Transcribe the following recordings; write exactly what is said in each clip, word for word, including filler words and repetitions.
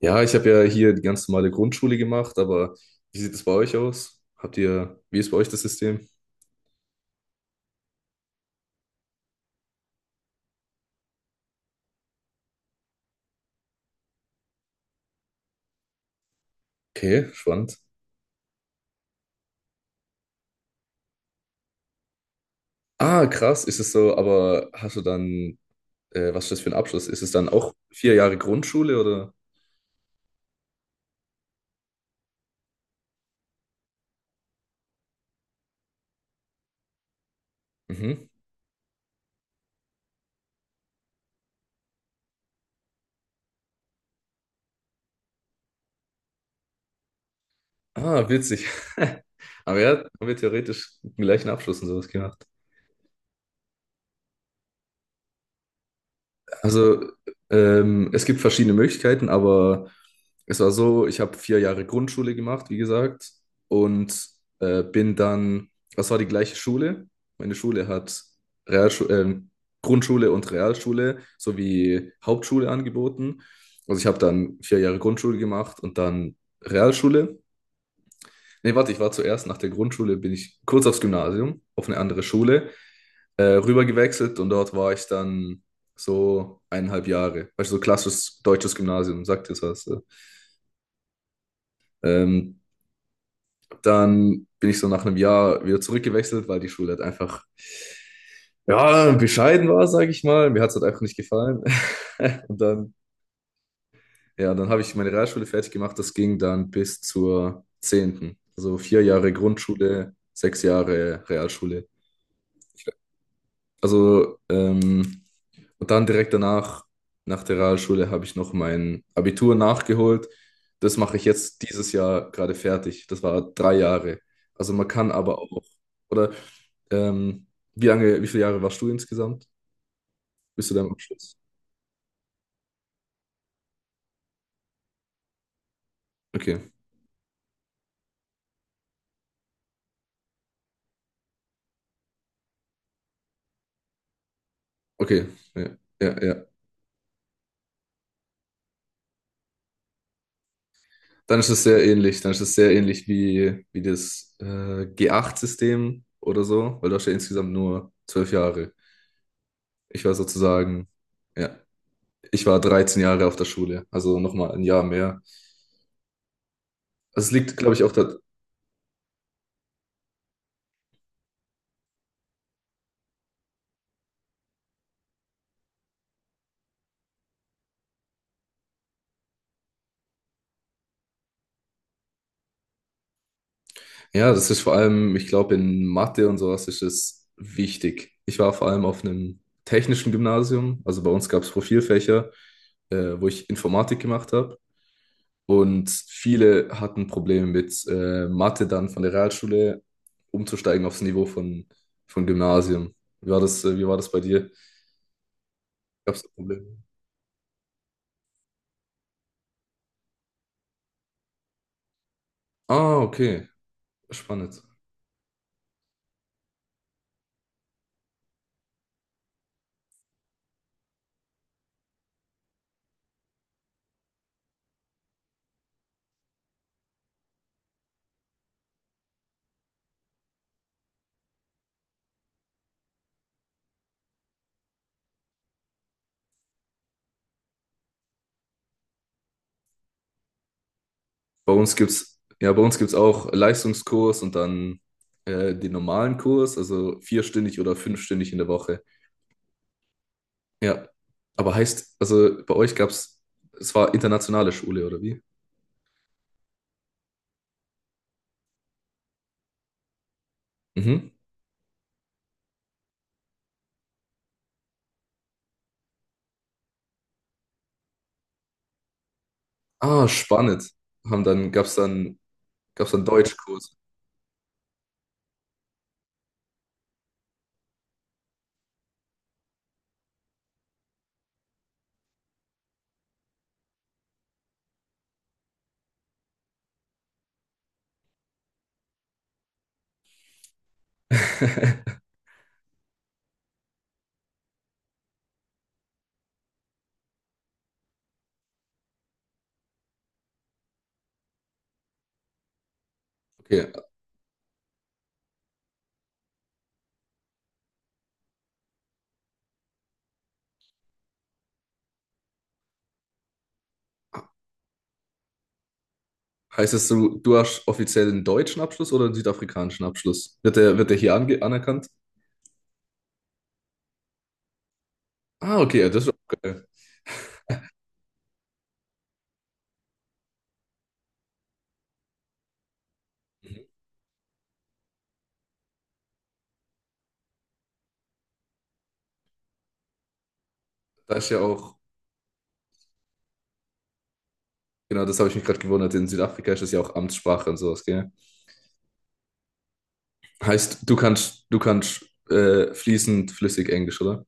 Ja, ich habe ja hier die ganz normale Grundschule gemacht, aber wie sieht es bei euch aus? Habt ihr, wie ist bei euch das System? Okay, spannend. Ah, krass, ist es so, aber hast du dann, äh, was ist das für ein Abschluss? Ist es dann auch vier Jahre Grundschule oder? Mhm. Ah, witzig. Aber ja, haben wir theoretisch den gleichen Abschluss und sowas gemacht. Also, ähm, es gibt verschiedene Möglichkeiten, aber es war so, ich habe vier Jahre Grundschule gemacht, wie gesagt, und äh, bin dann, das war die gleiche Schule. Meine Schule hat Realschu ähm, Grundschule und Realschule sowie Hauptschule angeboten. Also ich habe dann vier Jahre Grundschule gemacht und dann Realschule. Nee, warte, ich war zuerst nach der Grundschule, bin ich kurz aufs Gymnasium, auf eine andere Schule, äh, rüber gewechselt und dort war ich dann so eineinhalb Jahre. Weißt du, so klassisches deutsches Gymnasium, sagt jetzt was. äh. Ähm, dann bin ich so nach einem Jahr wieder zurückgewechselt, weil die Schule halt einfach, ja, bescheiden war, sage ich mal. Mir hat es halt einfach nicht gefallen. Und dann, ja, dann habe ich meine Realschule fertig gemacht. Das ging dann bis zur zehnten. Also vier Jahre Grundschule, sechs Jahre Realschule. Also, ähm, und dann direkt danach, nach der Realschule, habe ich noch mein Abitur nachgeholt. Das mache ich jetzt dieses Jahr gerade fertig. Das war drei Jahre. Also man kann aber auch, oder ähm, wie lange, wie viele Jahre warst du insgesamt? Bis zu deinem Abschluss? Okay, okay, ja, ja, ja. Dann ist es sehr ähnlich. Dann ist es sehr ähnlich wie, wie das äh, G acht System oder so, weil du hast ja insgesamt nur zwölf Jahre. Ich war sozusagen, ja, ich war dreizehn Jahre auf der Schule, also nochmal ein Jahr mehr. Also es liegt, glaube ich, auch da. Ja, das ist vor allem, ich glaube, in Mathe und sowas ist es wichtig. Ich war vor allem auf einem technischen Gymnasium, also bei uns gab es Profilfächer, äh, wo ich Informatik gemacht habe. Und viele hatten Probleme mit äh, Mathe dann von der Realschule umzusteigen aufs Niveau von, von Gymnasium. Wie war das, äh, wie war das bei dir? Gab es da Probleme? Ah, okay. Spannend. Bei uns gibt's, ja, bei uns gibt's auch Leistungskurs und dann äh, den normalen Kurs, also vierstündig oder fünfstündig in der Woche. Ja. Aber heißt, also bei euch gab's, es war internationale Schule, oder wie? Mhm. Ah, spannend. Haben dann, gab's dann, gab's dann Deutschkurs. Okay. Heißt es, so? Du hast offiziell einen deutschen Abschluss oder einen südafrikanischen Abschluss? Wird der, wird der hier ange anerkannt? Ah, okay, ja, das ist auch geil. Da ist ja auch, genau, das habe ich mich gerade gewundert. In Südafrika ist das ja auch Amtssprache und sowas, gell? Heißt, du kannst, du kannst äh, fließend flüssig Englisch, oder?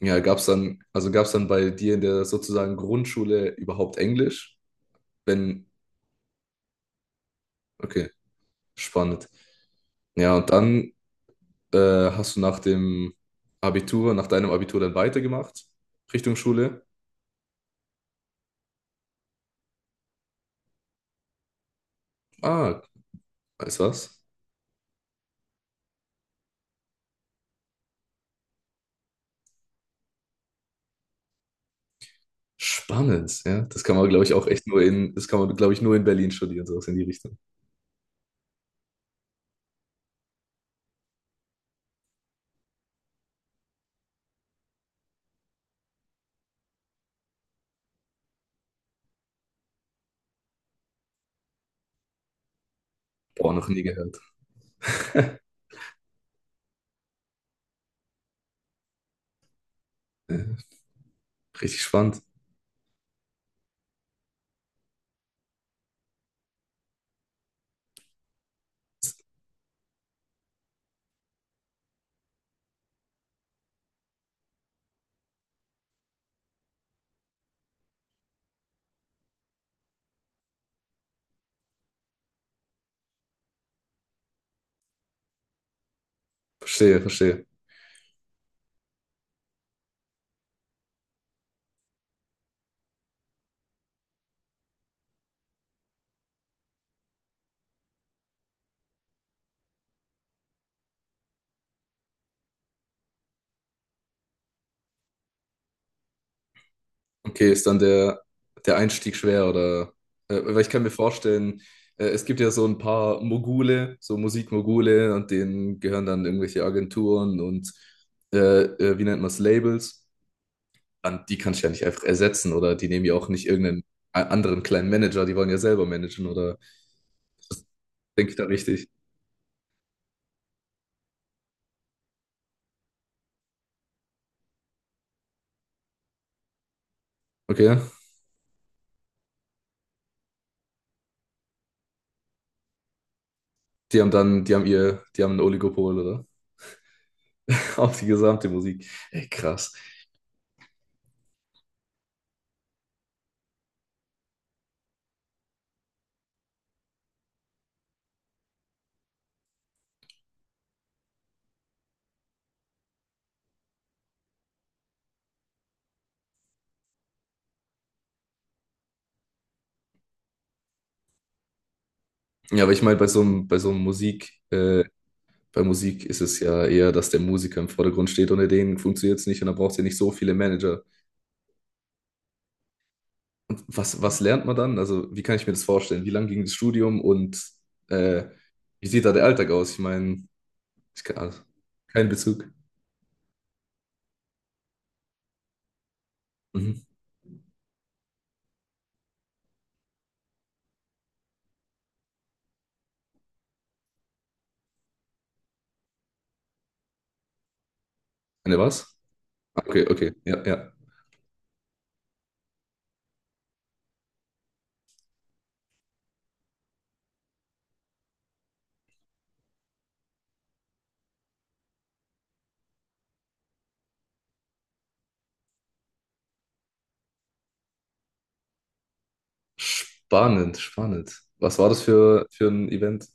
Ja, gab's dann, also gab's dann bei dir in der sozusagen Grundschule überhaupt Englisch? Wenn, okay, spannend. Ja, und dann äh, hast du nach dem Abitur, nach deinem Abitur dann weitergemacht, Richtung Schule. Ah, weißt du was? Spannend, ja. Das kann man, glaube ich, auch echt nur in, das kann man, glaube ich, nur in Berlin studieren, sowas in die Richtung. Boah, noch nie gehört. Ja, richtig spannend. Verstehe, verstehe. Okay, ist dann der, der Einstieg schwer oder? Äh, weil ich kann mir vorstellen, äh, es gibt ja so ein paar Mogule, so Musikmogule und denen gehören dann irgendwelche Agenturen und äh, äh, wie nennt man es, Labels. An die kannst du ja nicht einfach ersetzen oder die nehmen ja auch nicht irgendeinen a- anderen kleinen Manager, die wollen ja selber managen oder denke ich da richtig? Okay, die haben dann, die haben ihr, die haben ein Oligopol oder? Auf die gesamte Musik. Ey, krass. Ja, aber ich meine, bei so einem, bei so einem Musik äh, bei Musik ist es ja eher, dass der Musiker im Vordergrund steht. Ohne den funktioniert es nicht und dann braucht es ja nicht so viele Manager. Und was, was lernt man dann? Also, wie kann ich mir das vorstellen? Wie lang ging das Studium und äh, wie sieht da der Alltag aus? Ich meine, ich kann, also, kein Bezug. Mhm. Eine was? Ah, okay, okay, ja, ja. Spannend, spannend. Was war das für, für ein Event?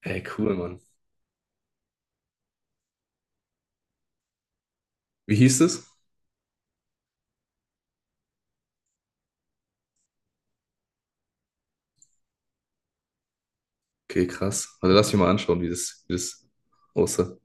Hey, cool, Mann. Wie hieß es? Okay, krass. Also lass mich mal anschauen, wie das, wie das aussah.